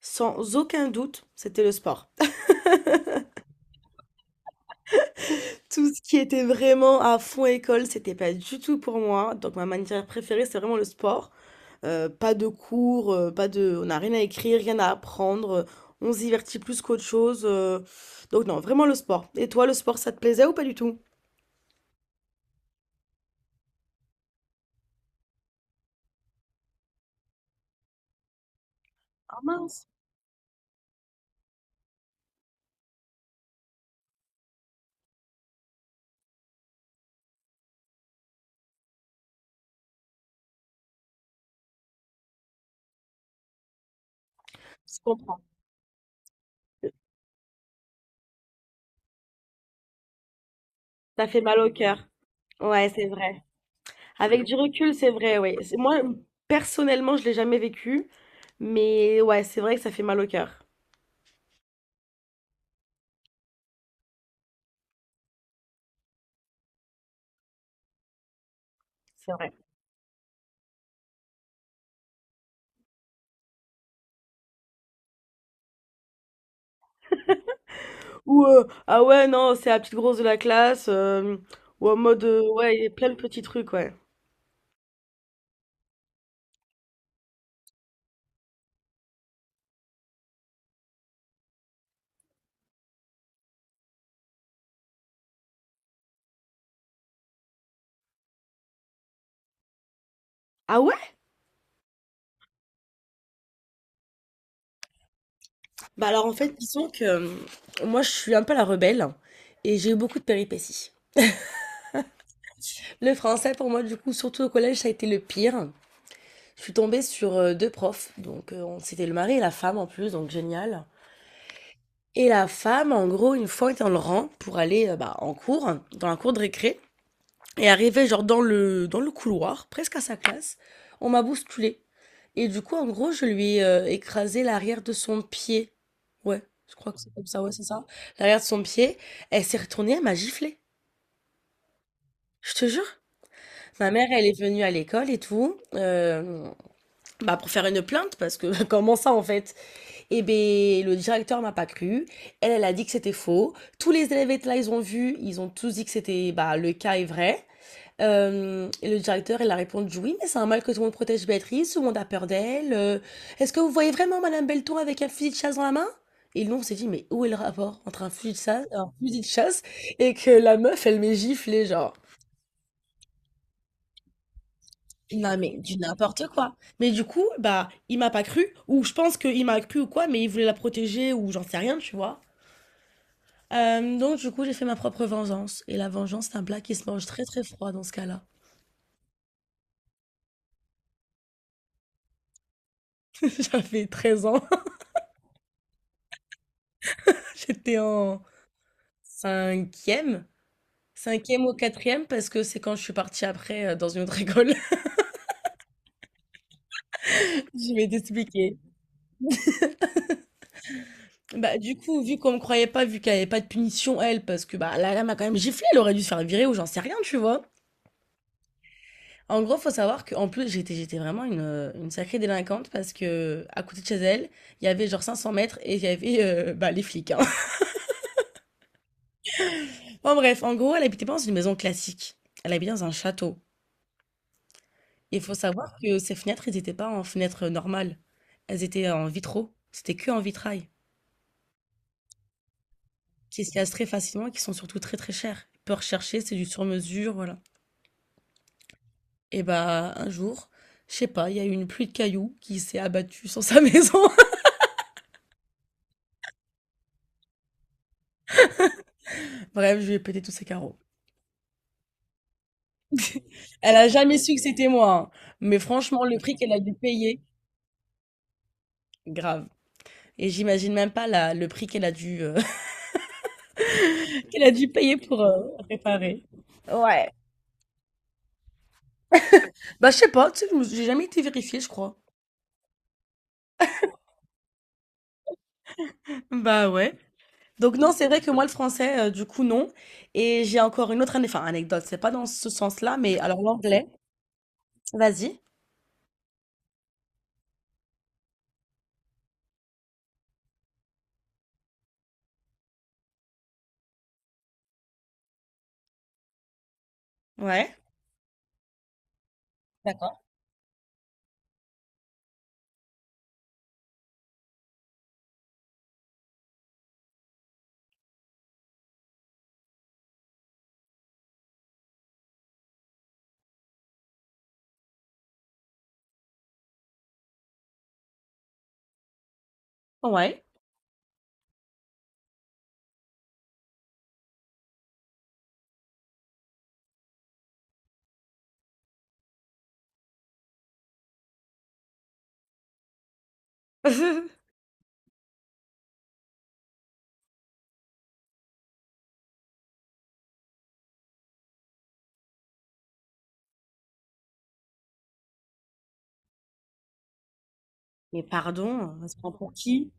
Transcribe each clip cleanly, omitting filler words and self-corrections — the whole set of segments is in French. Sans aucun doute, c'était le sport. Tout ce qui était vraiment à fond école, c'était pas du tout pour moi. Donc ma matière préférée, c'est vraiment le sport. Pas de cours, pas de, on n'a rien à écrire, rien à apprendre. On se divertit plus qu'autre chose. Donc non, vraiment le sport. Et toi, le sport, ça te plaisait ou pas du tout? Ah mince, je comprends. Ça fait mal au cœur. Ouais, c'est vrai. Avec du recul, c'est vrai, oui. Moi, personnellement, je l'ai jamais vécu, mais ouais, c'est vrai que ça fait mal au cœur. C'est vrai. Ou ah ouais, non, c'est la petite grosse de la classe. Ou en mode, ouais, il y a plein de petits trucs, ouais. Ah ouais? Bah alors en fait, disons que moi je suis un peu la rebelle et j'ai eu beaucoup de péripéties. Le français pour moi du coup, surtout au collège, ça a été le pire. Je suis tombée sur deux profs, donc c'était le mari et la femme en plus, donc génial. Et la femme, en gros, une fois était dans le rang pour aller bah, en cours, dans la cour de récré. Et arrivé genre dans le couloir, presque à sa classe, on m'a bousculé. Et du coup, en gros, je lui ai écrasé l'arrière de son pied. Ouais, je crois que c'est comme ça, ouais, c'est ça. L'arrière de son pied. Elle s'est retournée, elle m'a giflé. Je te jure. Ma mère, elle est venue à l'école et tout, bah pour faire une plainte, parce que comment ça en fait? Eh ben, le directeur m'a pas cru. Elle, elle a dit que c'était faux. Tous les élèves étaient là, ils ont vu, ils ont tous dit que c'était, bah, le cas est vrai. Hem Et le directeur, il a répondu: «Oui, mais c'est un mal que tout le monde protège Béatrice, tout le monde a peur d'elle, est-ce que vous voyez vraiment madame Belton avec un fusil de chasse dans la main?» Et nous, on s'est dit: «Mais où est le rapport entre un fusil de chasse et que la meuf, elle m'est giflée, genre.» Non, mais du n'importe quoi. Mais du coup, bah, il m'a pas cru ou je pense qu'il m'a cru ou quoi, mais il voulait la protéger ou j'en sais rien, tu vois? Donc du coup, j'ai fait ma propre vengeance et la vengeance, c'est un plat qui se mange très, très froid dans ce cas-là. J'avais 13 ans, j'étais en cinquième? Cinquième ou quatrième, parce que c'est quand je suis partie après dans une autre école. Je vais t'expliquer. Bah, du coup, vu qu'on me croyait pas, vu qu'elle avait pas de punition, elle, parce que bah, la lame a quand même giflé, elle aurait dû se faire virer ou j'en sais rien, tu vois. En gros, faut savoir qu'en plus, j'étais vraiment une sacrée délinquante, parce que à côté de chez elle, il y avait genre 500 mètres et il y avait bah, les flics, hein. Bon, bref, en gros, elle habitait pas dans une maison classique. Elle habitait dans un château. Il faut savoir que ces fenêtres, elles n'étaient pas en fenêtres normales. Elles étaient en vitraux. C'était que en vitrail. Qui se cassent très facilement et qui sont surtout très très chères. Peu recherchées, c'est du sur-mesure, voilà. Et bah, un jour, je sais pas, il y a eu une pluie de cailloux qui s'est abattue sur sa maison. Bref, je lui ai pété tous ses carreaux. Elle a jamais su que c'était moi, hein. Mais franchement, le prix qu'elle a dû payer, grave. Et j'imagine même pas la, le prix qu'elle a dû, qu'elle a dû payer pour réparer. Ouais. Bah, je sais pas, tu sais, j'ai jamais été vérifiée, je crois. Bah ouais. Donc non, c'est vrai que moi le français, du coup non. Et j'ai encore une autre enfin, anecdote. C'est pas dans ce sens-là, mais alors l'anglais. Vas-y. Ouais. D'accord. Ouais. Mais pardon, on se prend pour qui?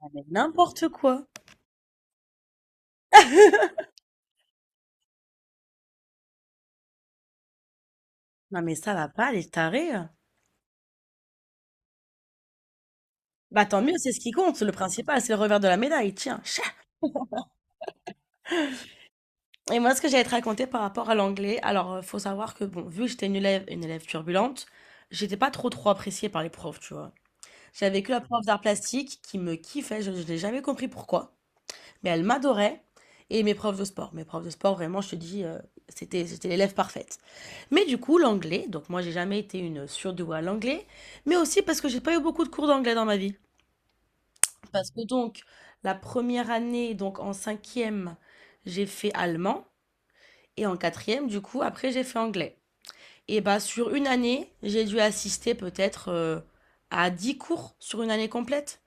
Ah, mais n'importe quoi. Non mais ça va pas, les tarés. Bah tant mieux, c'est ce qui compte. Le principal, c'est le revers de la médaille. Tiens. Chat. Et moi, ce que j'allais te raconter par rapport à l'anglais, alors faut savoir que bon, vu que une élève turbulente, j'étais pas trop trop appréciée par les profs, tu vois. J'avais que la prof d'art plastique qui me kiffait. Je n'ai jamais compris pourquoi. Mais elle m'adorait. Et mes profs de sport. Mes profs de sport, vraiment, je te dis, c'était l'élève parfaite. Mais du coup, l'anglais, donc moi, j'ai jamais été une surdouée à l'anglais, mais aussi parce que j'ai pas eu beaucoup de cours d'anglais dans ma vie. Parce que donc, la première année, donc en cinquième, j'ai fait allemand, et en quatrième, du coup, après, j'ai fait anglais. Et bah, sur une année, j'ai dû assister peut-être à 10 cours sur une année complète.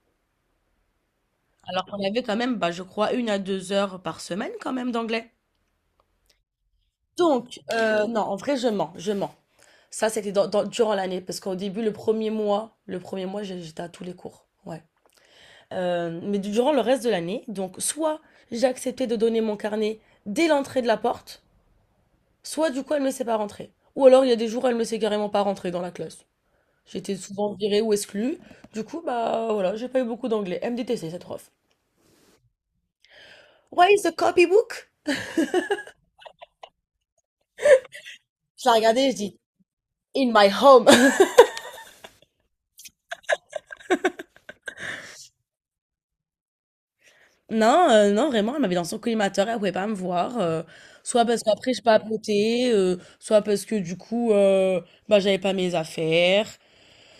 Alors qu'on avait quand même, bah, je crois, 1 à 2 heures par semaine quand même d'anglais. Donc, non, en vrai, je mens, je mens. Ça, c'était durant l'année, parce qu'au début, le premier mois, j'étais à tous les cours. Ouais. Mais durant le reste de l'année, donc, soit j'ai accepté de donner mon carnet dès l'entrée de la porte, soit du coup, elle me laissait pas rentrer. Ou alors, il y a des jours, elle me laissait carrément pas rentrer dans la classe. J'étais souvent virée ou exclue. Du coup, bah voilà, j'ai pas eu beaucoup d'anglais. Elle me détestait, cette prof. Where is the copybook? Je la regardais, je dis, In my home. Non, non, vraiment, elle m'avait dans son collimateur, elle pouvait pas me voir, soit parce qu'après je papotais, soit parce que du coup, bah, j'avais pas mes affaires,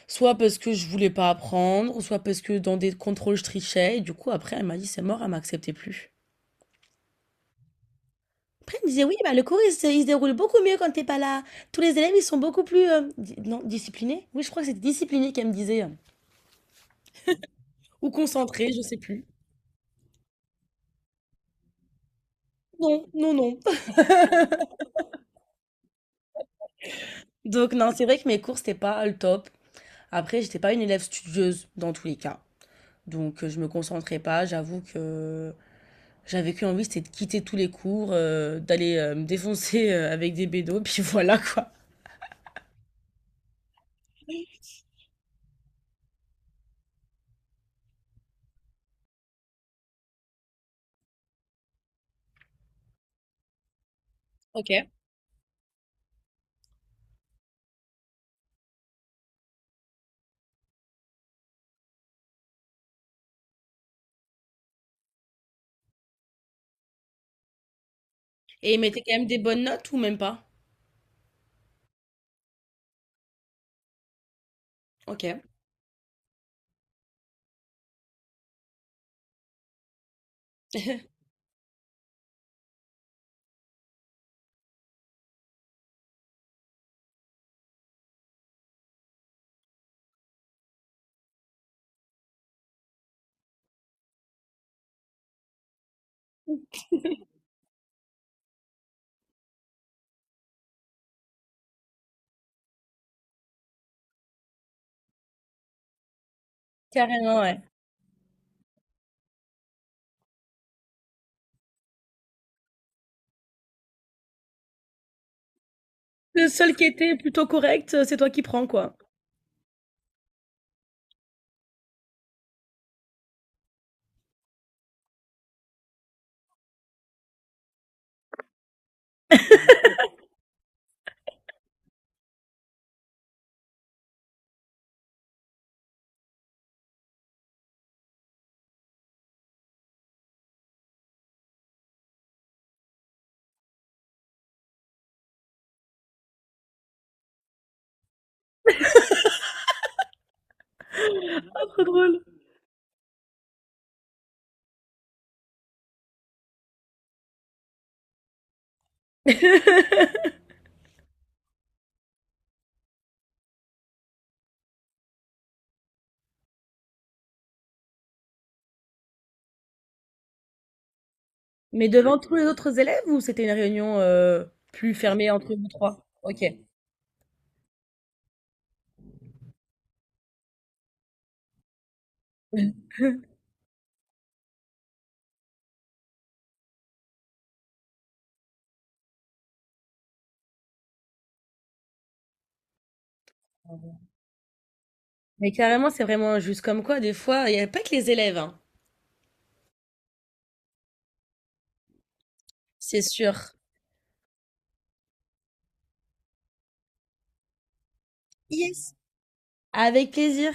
soit parce que je voulais pas apprendre, soit parce que dans des contrôles je trichais et du coup après elle m'a dit: «C'est mort», elle m'acceptait plus. Après elle me disait: «Oui, bah, le cours il se déroule beaucoup mieux quand t'es pas là. Tous les élèves ils sont beaucoup plus,» di non, disciplinés? Oui, je crois que c'était disciplinés qu'elle me disait, ou concentrés, je sais plus. Non, non, non. Donc non, c'est vrai que mes cours c'était pas le top. Après, j'étais pas une élève studieuse dans tous les cas. Donc, je me concentrais pas. J'avoue que j'avais qu'une envie, c'était de quitter tous les cours, d'aller me défoncer avec des bédos, puis voilà quoi. Ok, et ils mettaient quand même des bonnes notes ou même pas? Ok. Carrément, ouais. Le seul qui était plutôt correct, c'est toi qui prends, quoi. Ah, trop drôle. Mais devant tous les autres élèves ou c'était une réunion plus fermée entre vous trois? Ok. Mais carrément, c'est vraiment injuste. Comme quoi, des fois, il n'y a pas que les élèves, hein. C'est sûr. Yes, avec plaisir.